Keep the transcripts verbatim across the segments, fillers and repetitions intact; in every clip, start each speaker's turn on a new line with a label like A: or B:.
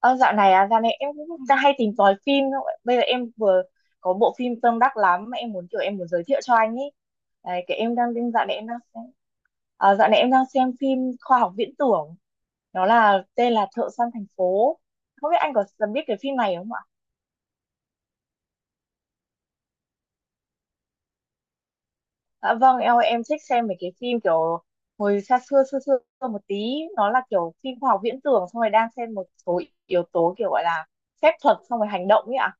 A: Ờ, dạo này à, dạo này em cũng đang hay tìm tòi phim thôi. Bây giờ em vừa có bộ phim tâm đắc lắm mà em muốn kiểu em muốn giới thiệu cho anh ý. Đấy, cái em đang dạo này em đang xem à, dạo này em đang xem phim khoa học viễn tưởng. Nó là tên là Thợ săn thành phố. Không biết anh có biết cái phim này không ạ? Dạ vâng, em em thích xem mấy cái phim kiểu hồi xa xưa xưa xưa một tí, nó là kiểu phim khoa học viễn tưởng xong rồi đang xem một số yếu tố kiểu gọi là phép thuật xong rồi hành động ấy ạ.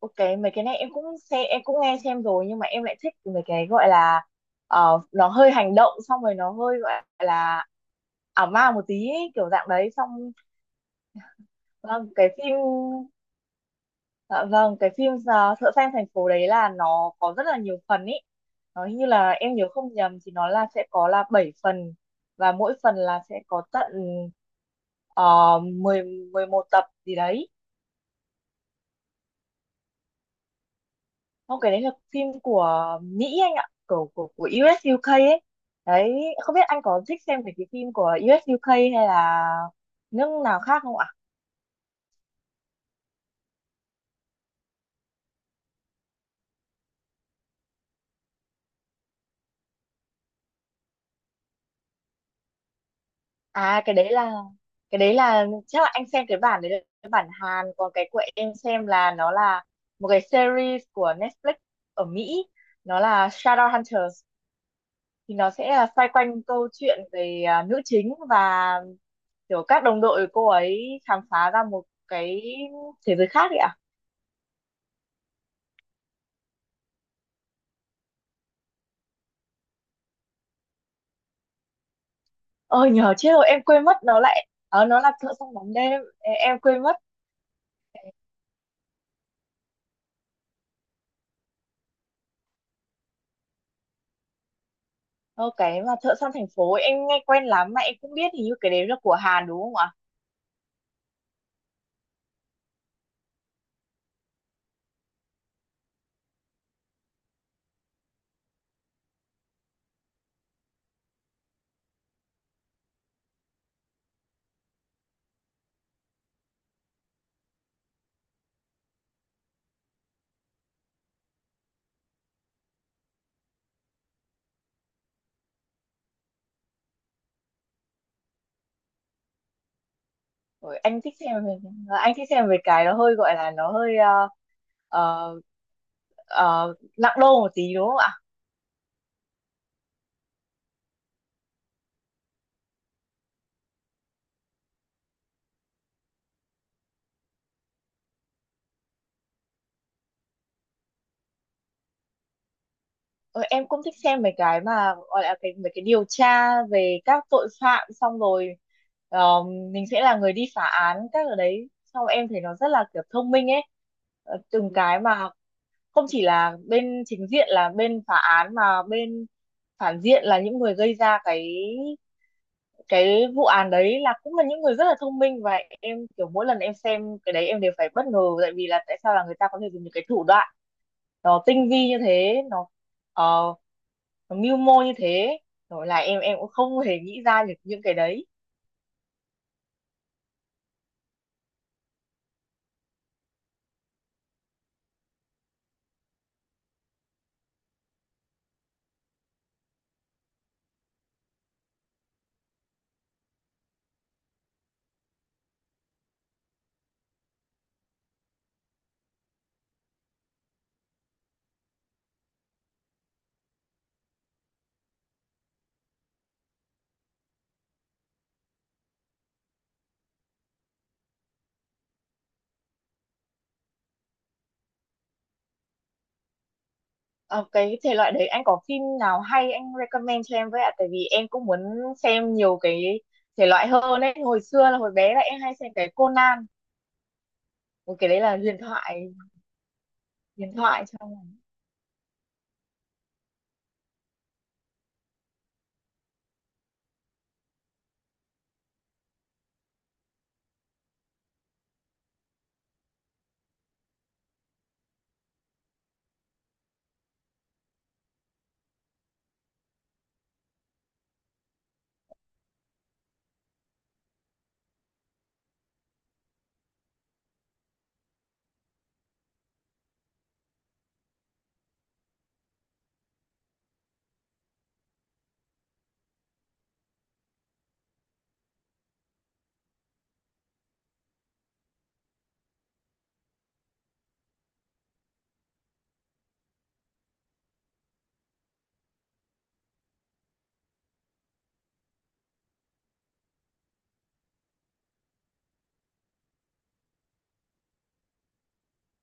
A: Ok, mấy cái này em cũng xem em cũng nghe xem rồi, nhưng mà em lại thích mấy cái gọi là ờ, nó hơi hành động xong rồi nó hơi gọi là ảo ma một tí ấy, kiểu dạng đấy xong vâng, cái phim dạ vâng cái phim ờ, Thợ Săn Thành Phố đấy là nó có rất là nhiều phần ý, nó hình như là em nhớ không nhầm thì nó là sẽ có là bảy phần, và mỗi phần là sẽ có tận uh, mười mười một tập gì đấy. Không, cái đấy là phim của Mỹ anh ạ, của của của u ét u ca ấy. Đấy, không biết anh có thích xem về cái phim của u ét u ca hay là nước nào khác không ạ? À cái đấy là cái đấy là chắc là anh xem cái bản đấy là cái bản Hàn, còn cái của em xem là nó là một cái series của Netflix ở Mỹ, nó là Shadowhunters, thì nó sẽ là xoay quanh câu chuyện về à, nữ chính và kiểu các đồng đội cô ấy khám phá ra một cái thế giới khác ấy ạ. ờ nhờ chết rồi em quên mất nó lại ờ nó là thợ săn bóng đêm. Ê, em quên mất. ờ, cái mà thợ săn thành phố ấy, em nghe quen lắm mà em cũng biết hình như cái đấy là của Hàn đúng không ạ? Ôi, anh thích xem về ờ, anh thích xem về cái nó hơi gọi là nó hơi ờ, ờ, ờ, nặng đô một tí đúng không ạ? Ờ, em cũng thích xem mấy cái mà gọi là cái mấy cái điều tra về các tội phạm xong rồi ờ, mình sẽ là người đi phá án các ở đấy xong rồi em thấy nó rất là kiểu thông minh ấy. Ờ, từng cái mà không chỉ là bên chính diện là bên phá án mà bên phản diện là những người gây ra cái cái vụ án đấy là cũng là những người rất là thông minh, và em kiểu mỗi lần em xem cái đấy em đều phải bất ngờ tại vì là tại sao là người ta có thể dùng những cái thủ đoạn nó tinh vi như thế nó ờ, nó mưu mô như thế, rồi là em em cũng không hề nghĩ ra được những cái đấy. Ờ, cái thể loại đấy anh có phim nào hay anh recommend cho em với ạ, tại vì em cũng muốn xem nhiều cái thể loại hơn ấy, hồi xưa là hồi bé là em hay xem cái Conan. Ôi, cái đấy là huyền thoại điện thoại xong rồi.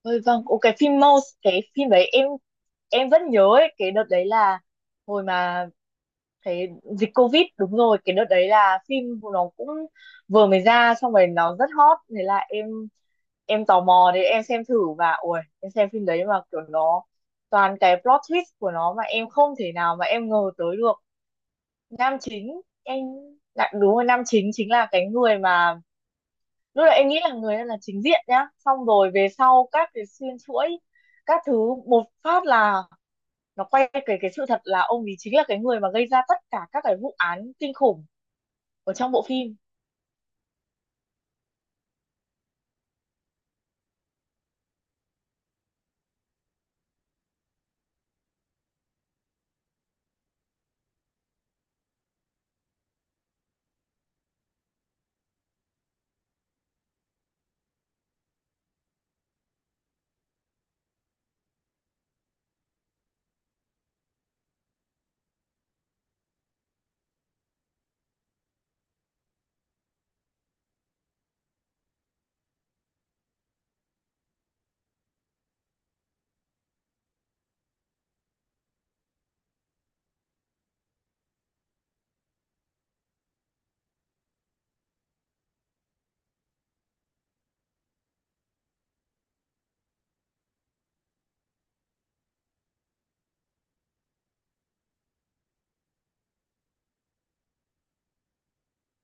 A: Ôi vâng, ồ, cái phim Mouse, cái phim đấy em em vẫn nhớ ấy, cái đợt đấy là hồi mà cái dịch Covid đúng rồi, cái đợt đấy là phim của nó cũng vừa mới ra xong rồi nó rất hot, thế là em em tò mò đấy em xem thử và ui em xem phim đấy mà kiểu nó toàn cái plot twist của nó mà em không thể nào mà em ngờ tới được. Nam chính em lại đúng rồi, nam chính chính là cái người mà lúc đấy em nghĩ là người là chính diện nhá, xong rồi về sau các cái xuyên chuỗi các thứ một phát là nó quay về cái sự thật là ông ấy chính là cái người mà gây ra tất cả các cái vụ án kinh khủng ở trong bộ phim.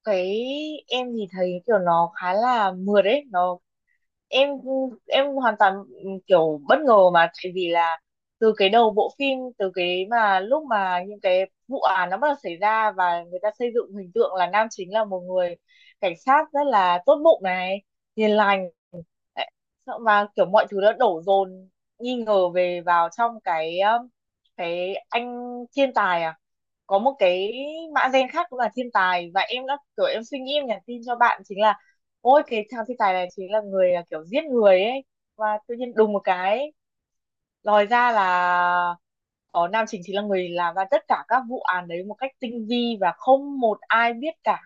A: Cái em thì thấy kiểu nó khá là mượt đấy nó em em hoàn toàn ừ, kiểu bất ngờ mà tại vì là từ cái đầu bộ phim từ cái mà lúc mà những cái vụ án nó bắt đầu xảy ra và người ta xây dựng hình tượng là nam chính là một người cảnh sát rất là tốt bụng này, hiền lành. Đấy. Sợ mà kiểu mọi thứ đã đổ dồn nghi ngờ về vào trong cái um, cái anh thiên tài à, có một cái mã gen khác cũng là thiên tài, và em đã kiểu em suy nghĩ em nhắn tin cho bạn chính là ôi cái thằng thiên tài này chính là người là kiểu giết người ấy. Và tự nhiên đùng một cái lòi ra là có nam chính chính là người làm ra tất cả các vụ án đấy một cách tinh vi và không một ai biết cả.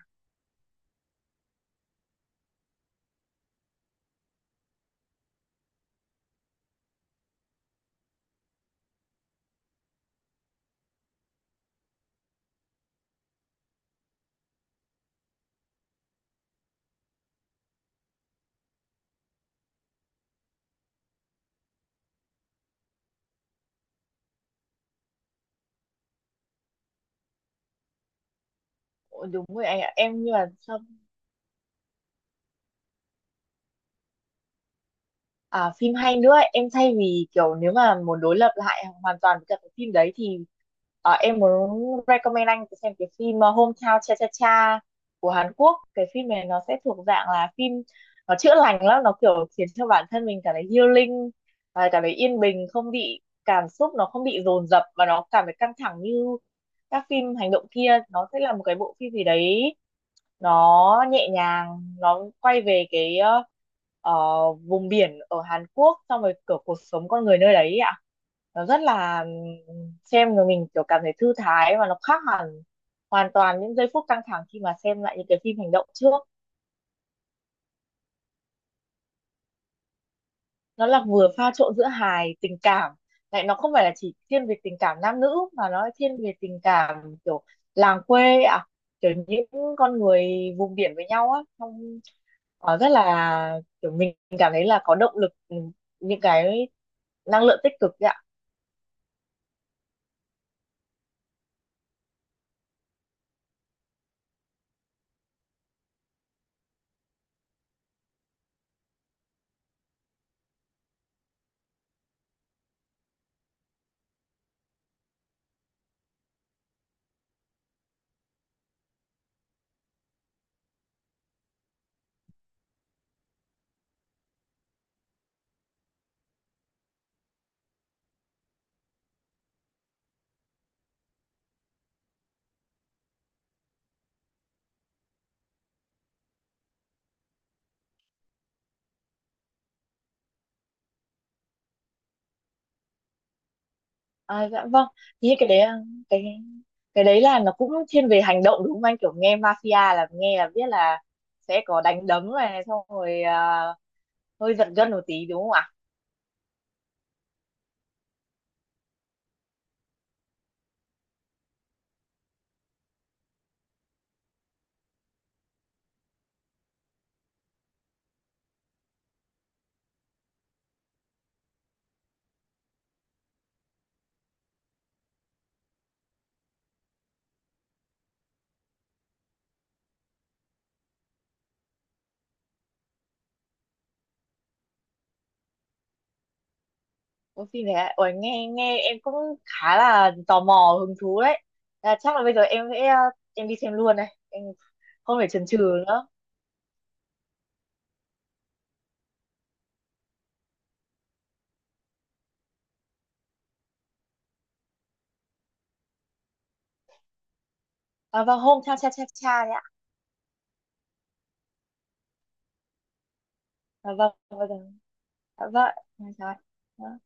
A: Ôi, đúng rồi anh ạ em như là à, phim hay nữa ấy. Em thay vì kiểu nếu mà muốn đối lập lại hoàn toàn với cả cái phim đấy thì ờ, em muốn recommend anh xem cái phim ờ, Hometown Cha Cha Cha của Hàn Quốc. Cái phim này nó sẽ thuộc dạng là phim nó chữa lành lắm, nó kiểu khiến cho bản thân mình cảm thấy healing, à, cảm thấy yên bình, không bị cảm xúc nó không bị dồn dập và nó cảm thấy căng thẳng như các phim hành động kia. Nó sẽ là một cái bộ phim gì đấy nó nhẹ nhàng, nó quay về cái ờ, ờ, vùng biển ở Hàn Quốc xong rồi kiểu cuộc sống con người nơi đấy ấy ạ. Nó rất là ừm, xem rồi mình kiểu cảm thấy thư thái, và nó khác hẳn hoàn toàn những giây phút căng thẳng khi mà xem lại những cái phim hành động trước. Nó là vừa pha trộn giữa hài tình cảm, lại nó không phải là chỉ thiên về tình cảm nam nữ mà nó thiên về tình cảm kiểu làng quê ạ, kiểu những con người vùng biển với nhau á trong. Ờ, rất là kiểu mình cảm thấy là có động lực, ừ, những cái năng lượng tích cực đấy ạ. À, dạ vâng, thế cái đấy ờ, cái cái đấy là nó cũng thiên về hành động đúng không anh, kiểu nghe mafia là nghe là biết là sẽ có đánh đấm này xong rồi à, hơi giật gân một tí đúng không ạ? Ôi phim này ôi nghe nghe em cũng khá là tò mò hứng thú đấy. À, chắc là bây giờ em sẽ ờ, em đi xem luôn này em không phải chần chừ nữa. À, vâng hôm cha cha cha cha đấy ạ. À, vâng vâng. Dạ vâng, dạ rồi. Vâng.